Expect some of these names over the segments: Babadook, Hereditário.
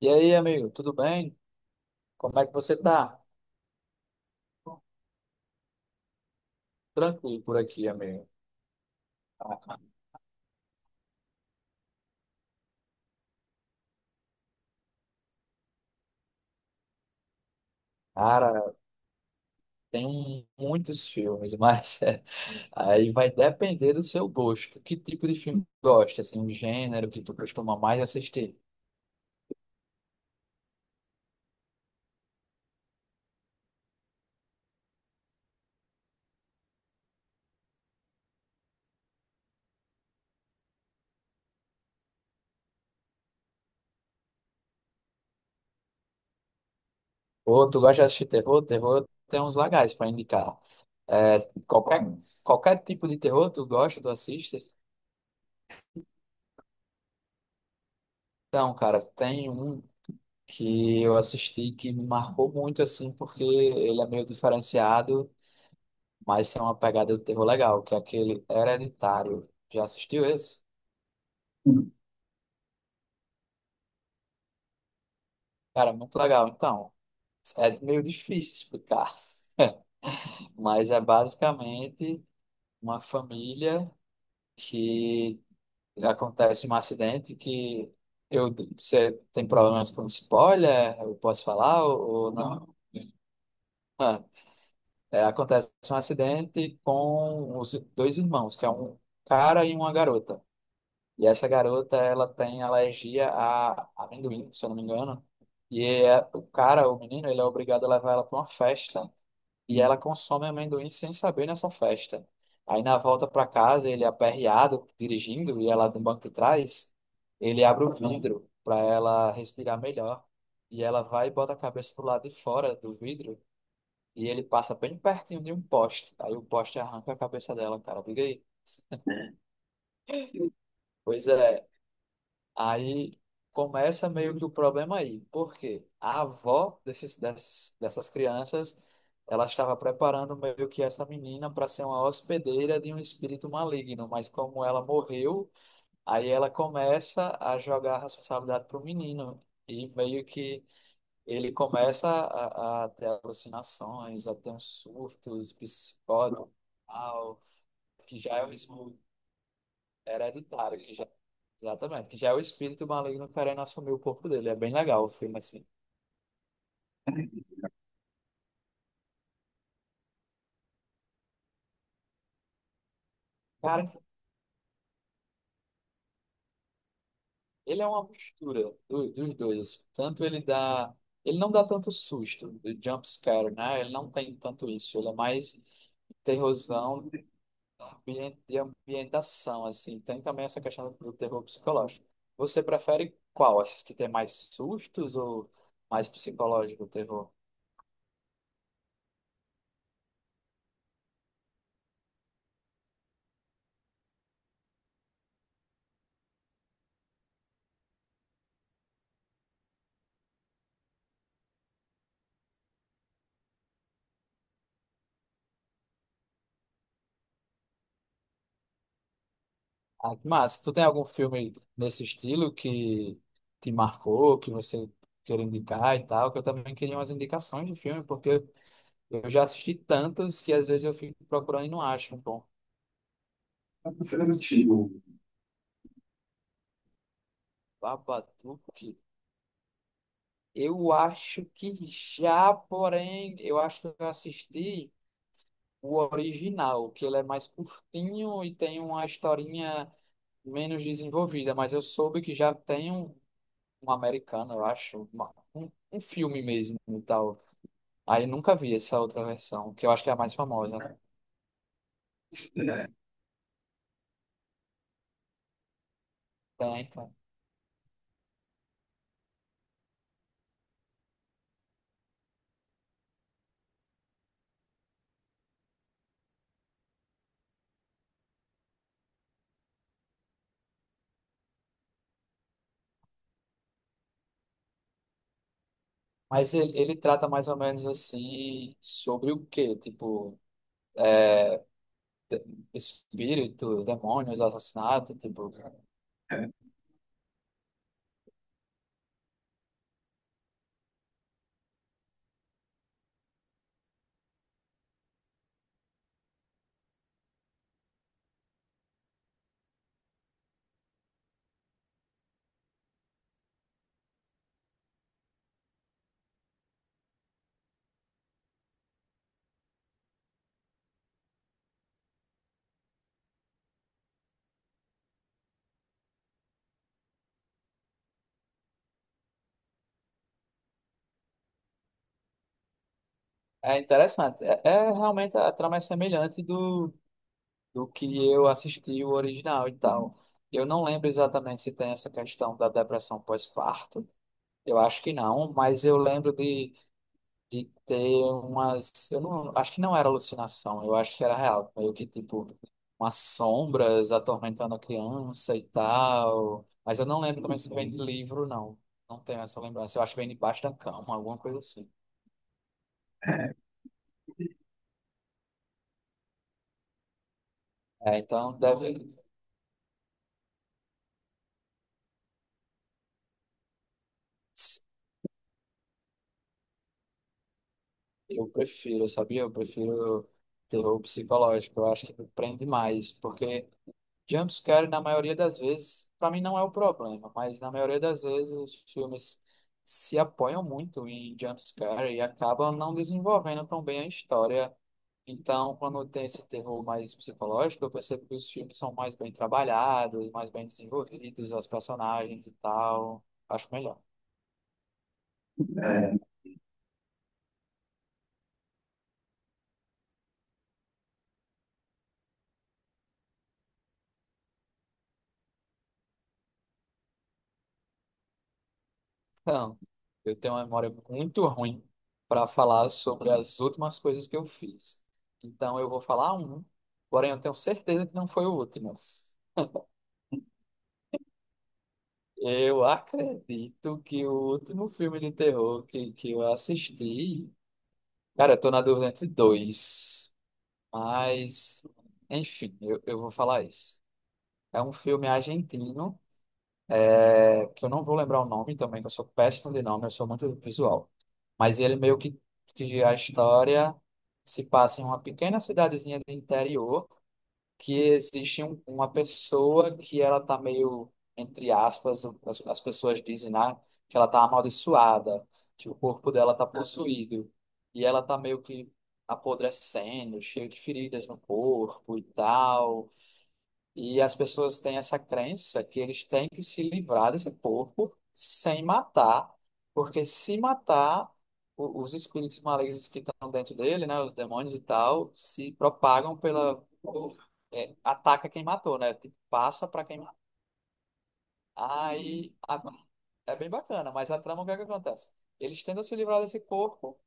E aí, amigo, tudo bem? Como é que você tá? Tranquilo por aqui, amigo. Cara, muitos filmes, mas aí vai depender do seu gosto. Que tipo de filme tu gosta? Assim, o gênero que tu costuma mais assistir? Ou tu gosta de assistir terror? Terror tem uns legais para indicar. É, qualquer, qualquer tipo de terror tu gosta, tu assiste? Então, cara, tem um que eu assisti que me marcou muito, assim, porque ele é meio diferenciado. Mas é uma pegada de terror legal, que é aquele Hereditário. Já assistiu esse? Uhum. Cara, muito legal. Então, é meio difícil explicar, mas é basicamente uma família que acontece um acidente que você tem problemas com spoiler? Eu posso falar ou não? Ah, é, acontece um acidente com os dois irmãos, que é um cara e uma garota. E essa garota, ela tem alergia a amendoim, se eu não me engano. O cara, o menino, ele é obrigado a levar ela para uma festa e ela consome amendoim sem saber nessa festa. Aí na volta para casa, ele é aperreado, dirigindo, e ela no banco de trás, ele abre o vidro para ela respirar melhor. E ela vai e bota a cabeça pro lado de fora do vidro e ele passa bem pertinho de um poste. Aí o poste arranca a cabeça dela, cara. Diga aí. Pois é. Aí começa meio que o problema aí, porque a avó dessas crianças, ela estava preparando meio que essa menina para ser uma hospedeira de um espírito maligno, mas como ela morreu, aí ela começa a jogar a responsabilidade para o menino, e meio que ele começa a ter alucinações, a ter uns surtos psicóticos, tal, que já é um Hereditário, que já, exatamente, que já é o espírito maligno querendo assumir o corpo dele. É bem legal o filme, assim. Cara, ele é uma mistura dos dois. Tanto ele dá. Ele não dá tanto susto, do jump scare, né? Ele não tem tanto isso. Ele é mais terrorzão de ambientação, assim. Tem também essa questão do terror psicológico. Você prefere qual? Esses que tem mais sustos ou mais psicológico o terror? Ah, que massa. Tu tem algum filme nesse estilo que te marcou, que você quer indicar e tal? Que eu também queria umas indicações de filme, porque eu já assisti tantos que às vezes eu fico procurando e não acho um bom. Antigo. Babadook, eu acho que já, porém, eu acho que eu assisti o original, que ele é mais curtinho e tem uma historinha menos desenvolvida, mas eu soube que já tem um americano, eu acho, um filme mesmo e tal. Aí nunca vi essa outra versão, que eu acho que é a mais famosa, né? Tá, então. Mas ele trata mais ou menos assim sobre o quê? Tipo, espíritos, demônios, assassinato, tipo. É interessante. É realmente a trama é semelhante do que eu assisti o original e tal. Eu não lembro exatamente se tem essa questão da depressão pós-parto. Eu acho que não, mas eu lembro de ter umas. Eu não acho que não era alucinação, eu acho que era real. Meio que tipo, umas sombras atormentando a criança e tal. Mas eu não lembro também se vem de livro, não. Não tenho essa lembrança. Eu acho que vem debaixo da cama, alguma coisa assim. É, então deve. Eu prefiro, sabia? Eu prefiro terror psicológico. Eu acho que me prende mais, porque. Jumpscare, na maioria das vezes, para mim não é o problema, mas na maioria das vezes os filmes se apoiam muito em jumpscare e acabam não desenvolvendo tão bem a história. Então, quando tem esse terror mais psicológico, eu percebo que os filmes são mais bem trabalhados, mais bem desenvolvidos, as personagens e tal. Acho melhor. Então, eu tenho uma memória muito ruim para falar sobre as últimas coisas que eu fiz. Então, eu vou falar um, porém eu tenho certeza que não foi o último. Eu acredito que o último filme de terror que eu assisti. Cara, eu tô na dúvida entre dois. Mas, enfim, eu vou falar isso. É um filme argentino, que eu não vou lembrar o nome também, que eu sou péssimo de nome, eu sou muito visual. Mas ele meio que a história se passa em uma pequena cidadezinha do interior. Que existe uma pessoa que ela tá meio, entre aspas, as pessoas dizem, né, que ela tá amaldiçoada, que o corpo dela tá possuído, e ela tá meio que apodrecendo, cheio de feridas no corpo e tal. E as pessoas têm essa crença que eles têm que se livrar desse corpo sem matar, porque se matar, os espíritos malignos que estão dentro dele, né, os demônios e tal, se propagam pela. É, ataca quem matou, né? Tipo, passa para quem matou. Aí a- é bem bacana, mas a trama, o que é que acontece? Eles tentam se livrar desse corpo,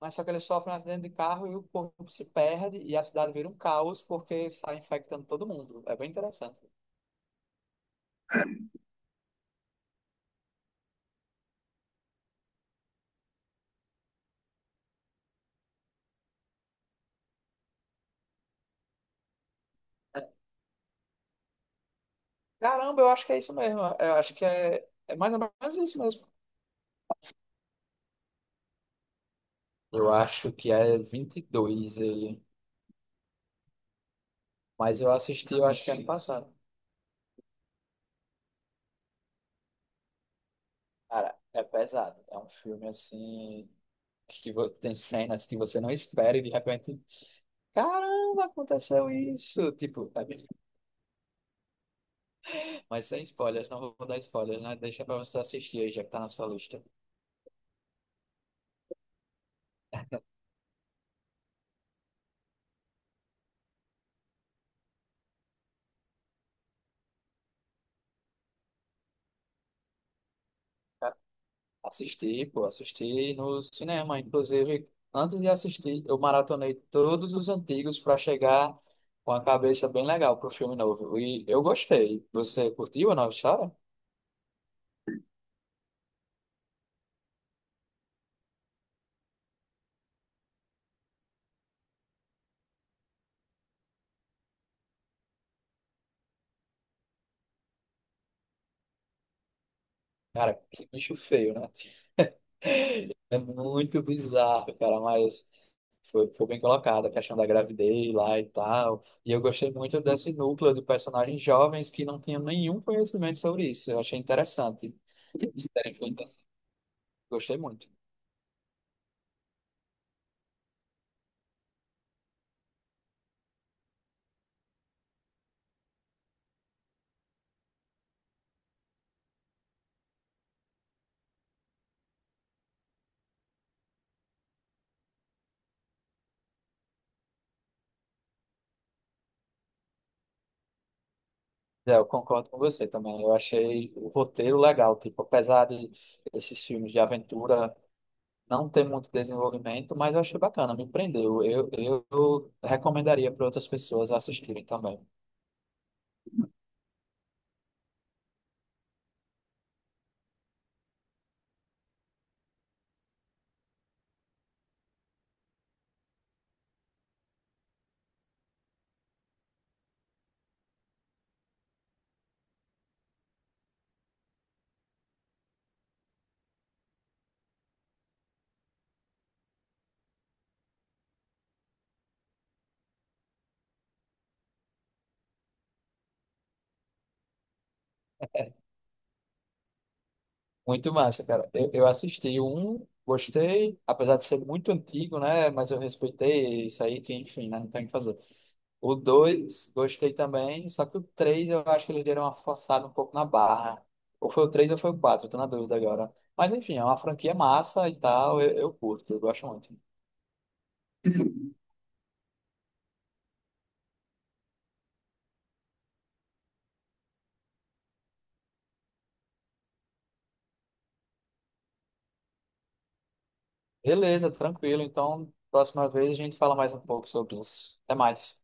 mas só que eles sofrem um acidente de carro e o corpo se perde e a cidade vira um caos porque sai infectando todo mundo. É bem interessante. Caramba, eu acho que é isso mesmo. Eu acho que é mais ou menos isso mesmo. Eu acho que é 22 ele. Mas eu assisti, eu acho que ano passado. Cara, é pesado. É um filme assim. Tem cenas que você não espera e de repente. Caramba, aconteceu isso! Mas sem spoilers, não vou dar spoilers, né? Deixa pra você assistir aí, já que tá na sua lista. Assisti, pô, assisti no cinema. Inclusive, antes de assistir, eu maratonei todos os antigos para chegar com a cabeça bem legal pro filme novo. E eu gostei. Você curtiu a nova história? Cara, que bicho feio, né? É muito bizarro, cara, mas foi bem colocado a questão da gravidez lá e tal. E eu gostei muito desse núcleo de personagens jovens que não tinham nenhum conhecimento sobre isso. Eu achei interessante. Eles terem feito assim. Gostei muito. É, eu concordo com você também. Eu achei o roteiro legal, tipo, apesar de esses filmes de aventura não ter muito desenvolvimento, mas eu achei bacana, me prendeu. Eu recomendaria para outras pessoas assistirem também. Muito massa, cara. Eu assisti um, gostei, apesar de ser muito antigo, né? Mas eu respeitei isso aí, que enfim, né? Não tem o que fazer. O dois gostei também, só que o três eu acho que eles deram uma forçada um pouco na barra. Ou foi o três ou foi o quatro tô na dúvida agora. Mas enfim, é uma franquia massa e tal, eu curto, eu gosto muito. Beleza, tranquilo. Então, próxima vez a gente fala mais um pouco sobre isso. Até mais.